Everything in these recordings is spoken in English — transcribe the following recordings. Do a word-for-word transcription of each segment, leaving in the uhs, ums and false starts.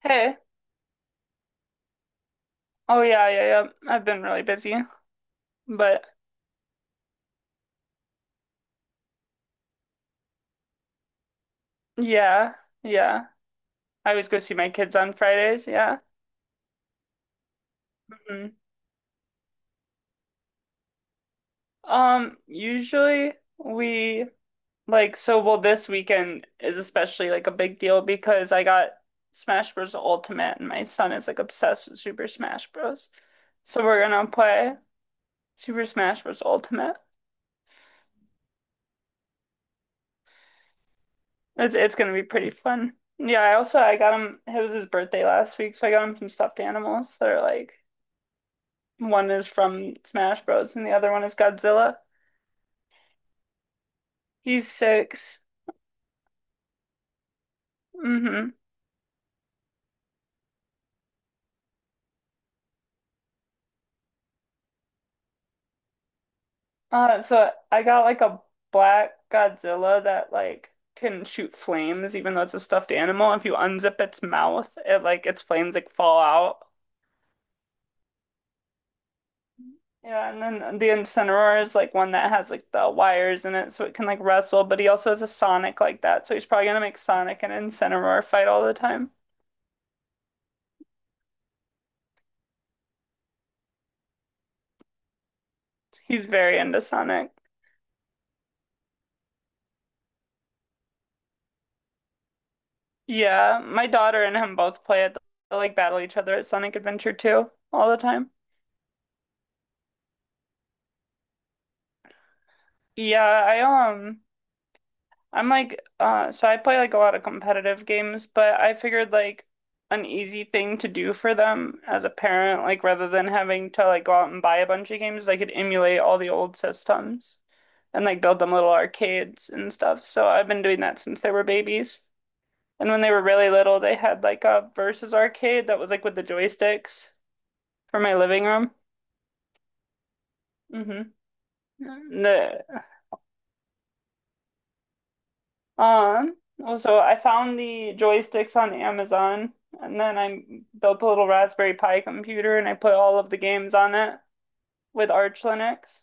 Hey. Oh yeah, yeah, yeah. I've been really busy, but yeah, yeah. I always go see my kids on Fridays, yeah. hmm Um, usually we like so well this weekend is especially like a big deal because I got Smash Bros. Ultimate and my son is like obsessed with Super Smash Bros. So we're gonna play Super Smash Bros. Ultimate. It's it's gonna be pretty fun. Yeah, I also I got him it was his birthday last week, so I got him some stuffed animals that are like one is from Smash Bros. And the other one is Godzilla. He's six. Mm-hmm. Uh, so I got like a black Godzilla that like can shoot flames, even though it's a stuffed animal. If you unzip its mouth, it like its flames like fall out. Yeah, and then the Incineroar is like one that has like the wires in it, so it can like wrestle. But he also has a Sonic like that, so he's probably gonna make Sonic and Incineroar fight all the time. He's very into Sonic. Yeah, my daughter and him both play it. They like battle each other at Sonic Adventure two all the time. Yeah, I um I'm like uh so I play like a lot of competitive games, but I figured like an easy thing to do for them as a parent, like rather than having to like go out and buy a bunch of games, I could emulate all the old systems and like build them little arcades and stuff. So I've been doing that since they were babies. And when they were really little, they had like a versus arcade that was like with the joysticks for my living room. hmm The um also I found the joysticks on Amazon, and then I built a little Raspberry Pi computer and I put all of the games on it with Arch Linux.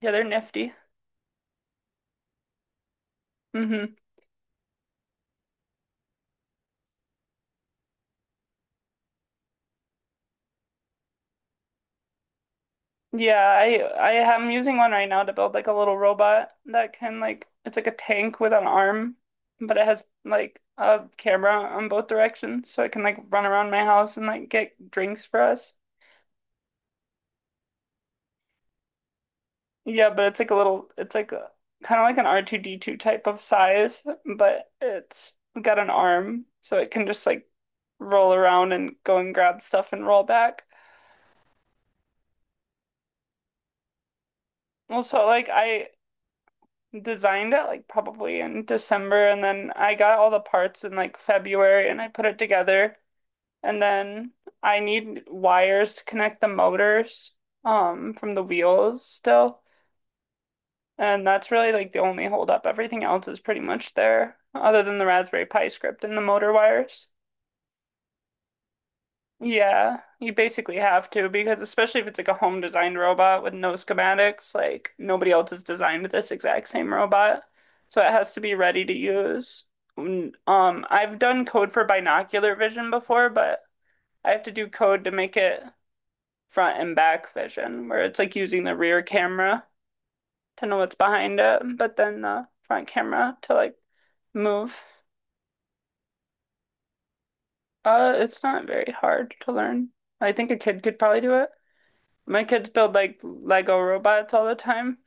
Yeah, they're nifty. hmm Yeah, I I am using one right now to build like a little robot that can like it's like a tank with an arm, but it has like a camera on both directions so it can like run around my house and like get drinks for us. Yeah, but it's like a little, it's like a, kind of like an R two D two type of size, but it's got an arm, so it can just like roll around and go and grab stuff and roll back. Well, so like I designed it like probably in December, and then I got all the parts in like February and I put it together. And then I need wires to connect the motors um from the wheels still. And that's really like the only holdup. Everything else is pretty much there, other than the Raspberry Pi script and the motor wires. Yeah, you basically have to because especially if it's like a home designed robot with no schematics, like nobody else has designed this exact same robot. So it has to be ready to use. Mm, Um, I've done code for binocular vision before, but I have to do code to make it front and back vision, where it's like using the rear camera to know what's behind it, but then the front camera to like move. Uh, it's not very hard to learn. I think a kid could probably do it. My kids build like Lego robots all the time.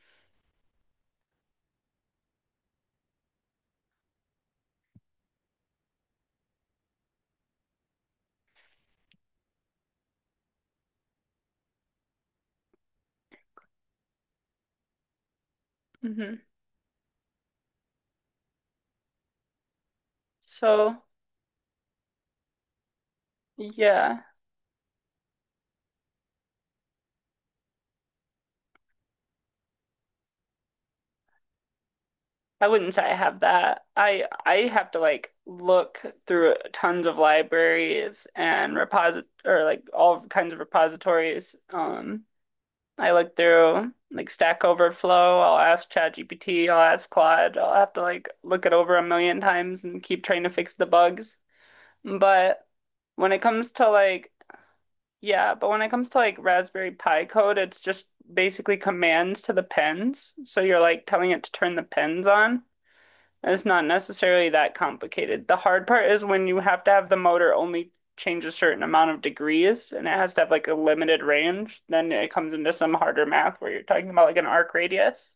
hmm So, yeah, I wouldn't say I have that. I I have to like look through tons of libraries and reposit or like all kinds of repositories. um I look through like Stack Overflow. I'll ask ChatGPT. I'll ask Claude. I'll have to like look it over a million times and keep trying to fix the bugs. But when it comes to like, yeah, but when it comes to like Raspberry Pi code, it's just basically commands to the pens. So you're like telling it to turn the pens on. And it's not necessarily that complicated. The hard part is when you have to have the motor only change a certain amount of degrees and it has to have like a limited range, then it comes into some harder math where you're talking about like an arc radius.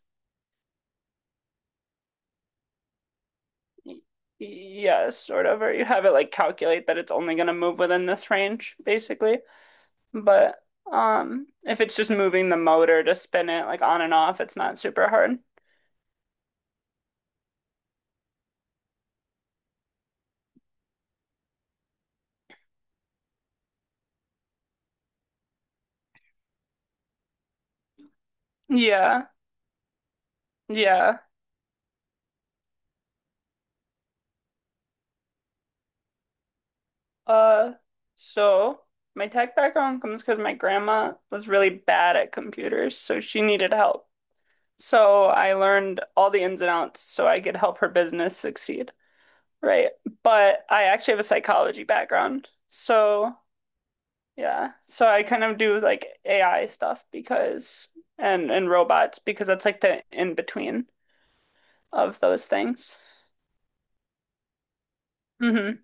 Y- Yeah, sort of, or you have it like calculate that it's only going to move within this range, basically. But um, if it's just moving the motor to spin it like on and off, it's not super hard. Yeah, yeah. Uh, so my tech background comes because my grandma was really bad at computers, so she needed help. So I learned all the ins and outs so I could help her business succeed, right? But I actually have a psychology background. So yeah, so I kind of do like A I stuff because and and robots because that's like the in between of those things. hmm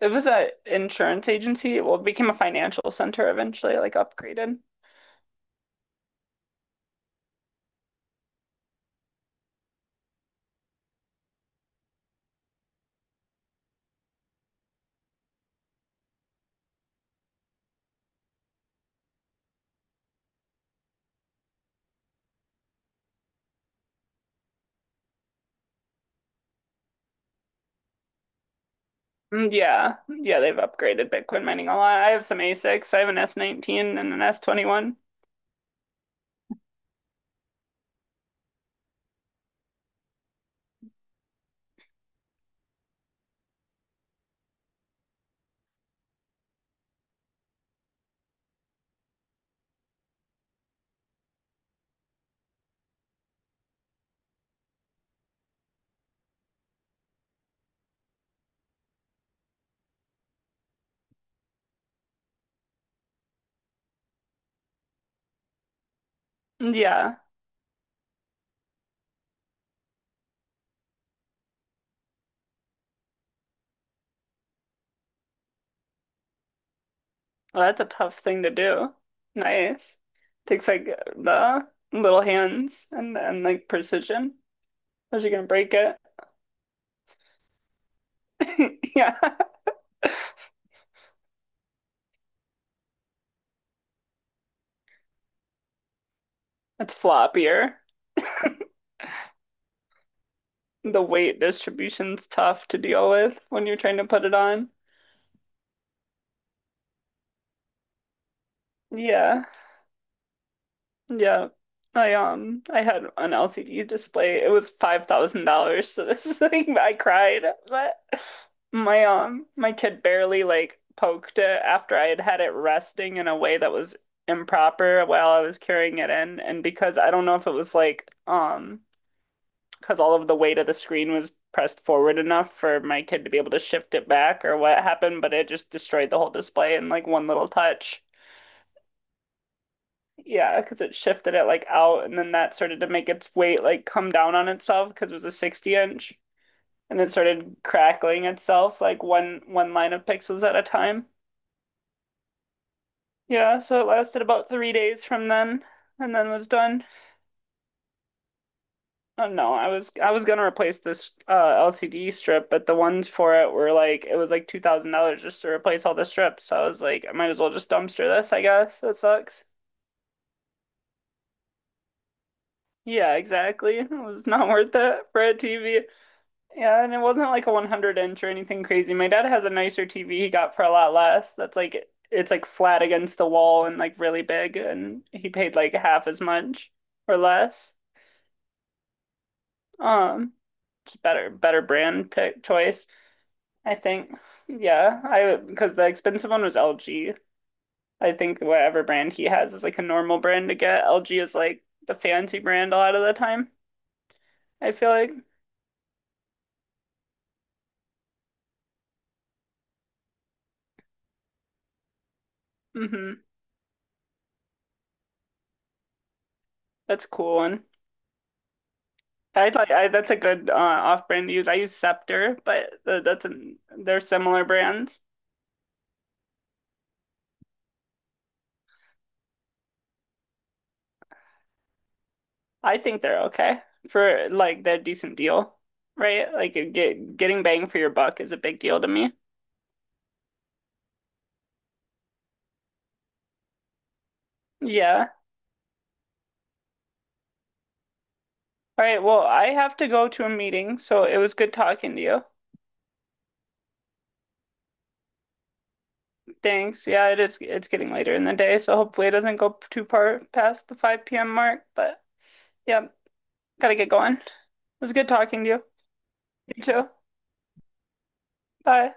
It was an insurance agency. Well, it became a financial center eventually, like upgraded. Mm, Yeah, yeah, they've upgraded Bitcoin mining a lot. I have some ASICs. I have an S nineteen and an S twenty-one. Mm, Yeah, well, that's a tough thing to do. Nice. Takes like the little hands, and and like precision. How's you gonna break it? Yeah, it's floppier. The weight distribution's tough to deal with when you're trying to put it on. Yeah. Yeah. I um I had an L C D display. It was five thousand dollars so this thing I cried. But my um my kid barely like poked it after I had had it resting in a way that was improper while I was carrying it in. And because I don't know if it was like um because all of the weight of the screen was pressed forward enough for my kid to be able to shift it back or what happened, but it just destroyed the whole display in like one little touch. Yeah, because it shifted it like out, and then that started to make its weight like come down on itself because it was a sixty inch, and it started crackling itself like one one line of pixels at a time. Yeah, so it lasted about three days from then, and then was done. Oh no, I was I was gonna replace this uh, L C D strip, but the ones for it were like it was like two thousand dollars just to replace all the strips. So I was like, I might as well just dumpster this, I guess. That sucks. Yeah, exactly. It was not worth it for a T V. Yeah, and it wasn't like a one hundred inch or anything crazy. My dad has a nicer T V he got for a lot less. That's like it's like flat against the wall and like really big and he paid like half as much or less. Um, just better better brand pick choice, I think. Yeah, I because the expensive one was L G. I think whatever brand he has is like a normal brand to get. L G is like the fancy brand a lot of the time. I feel like. Mm-hmm. That's a cool one. I like I, that's a good uh, off-brand to use. I use Scepter, but th- that's an they're similar brands. I think they're okay for like they're a decent deal, right? Like you get getting bang for your buck is a big deal to me. Yeah. All right. Well, I have to go to a meeting, so it was good talking to you. Thanks. Yeah, it is. It's getting later in the day, so hopefully it doesn't go too far past the five p m mark. But yeah, gotta get going. It was good talking to you. You too. Bye.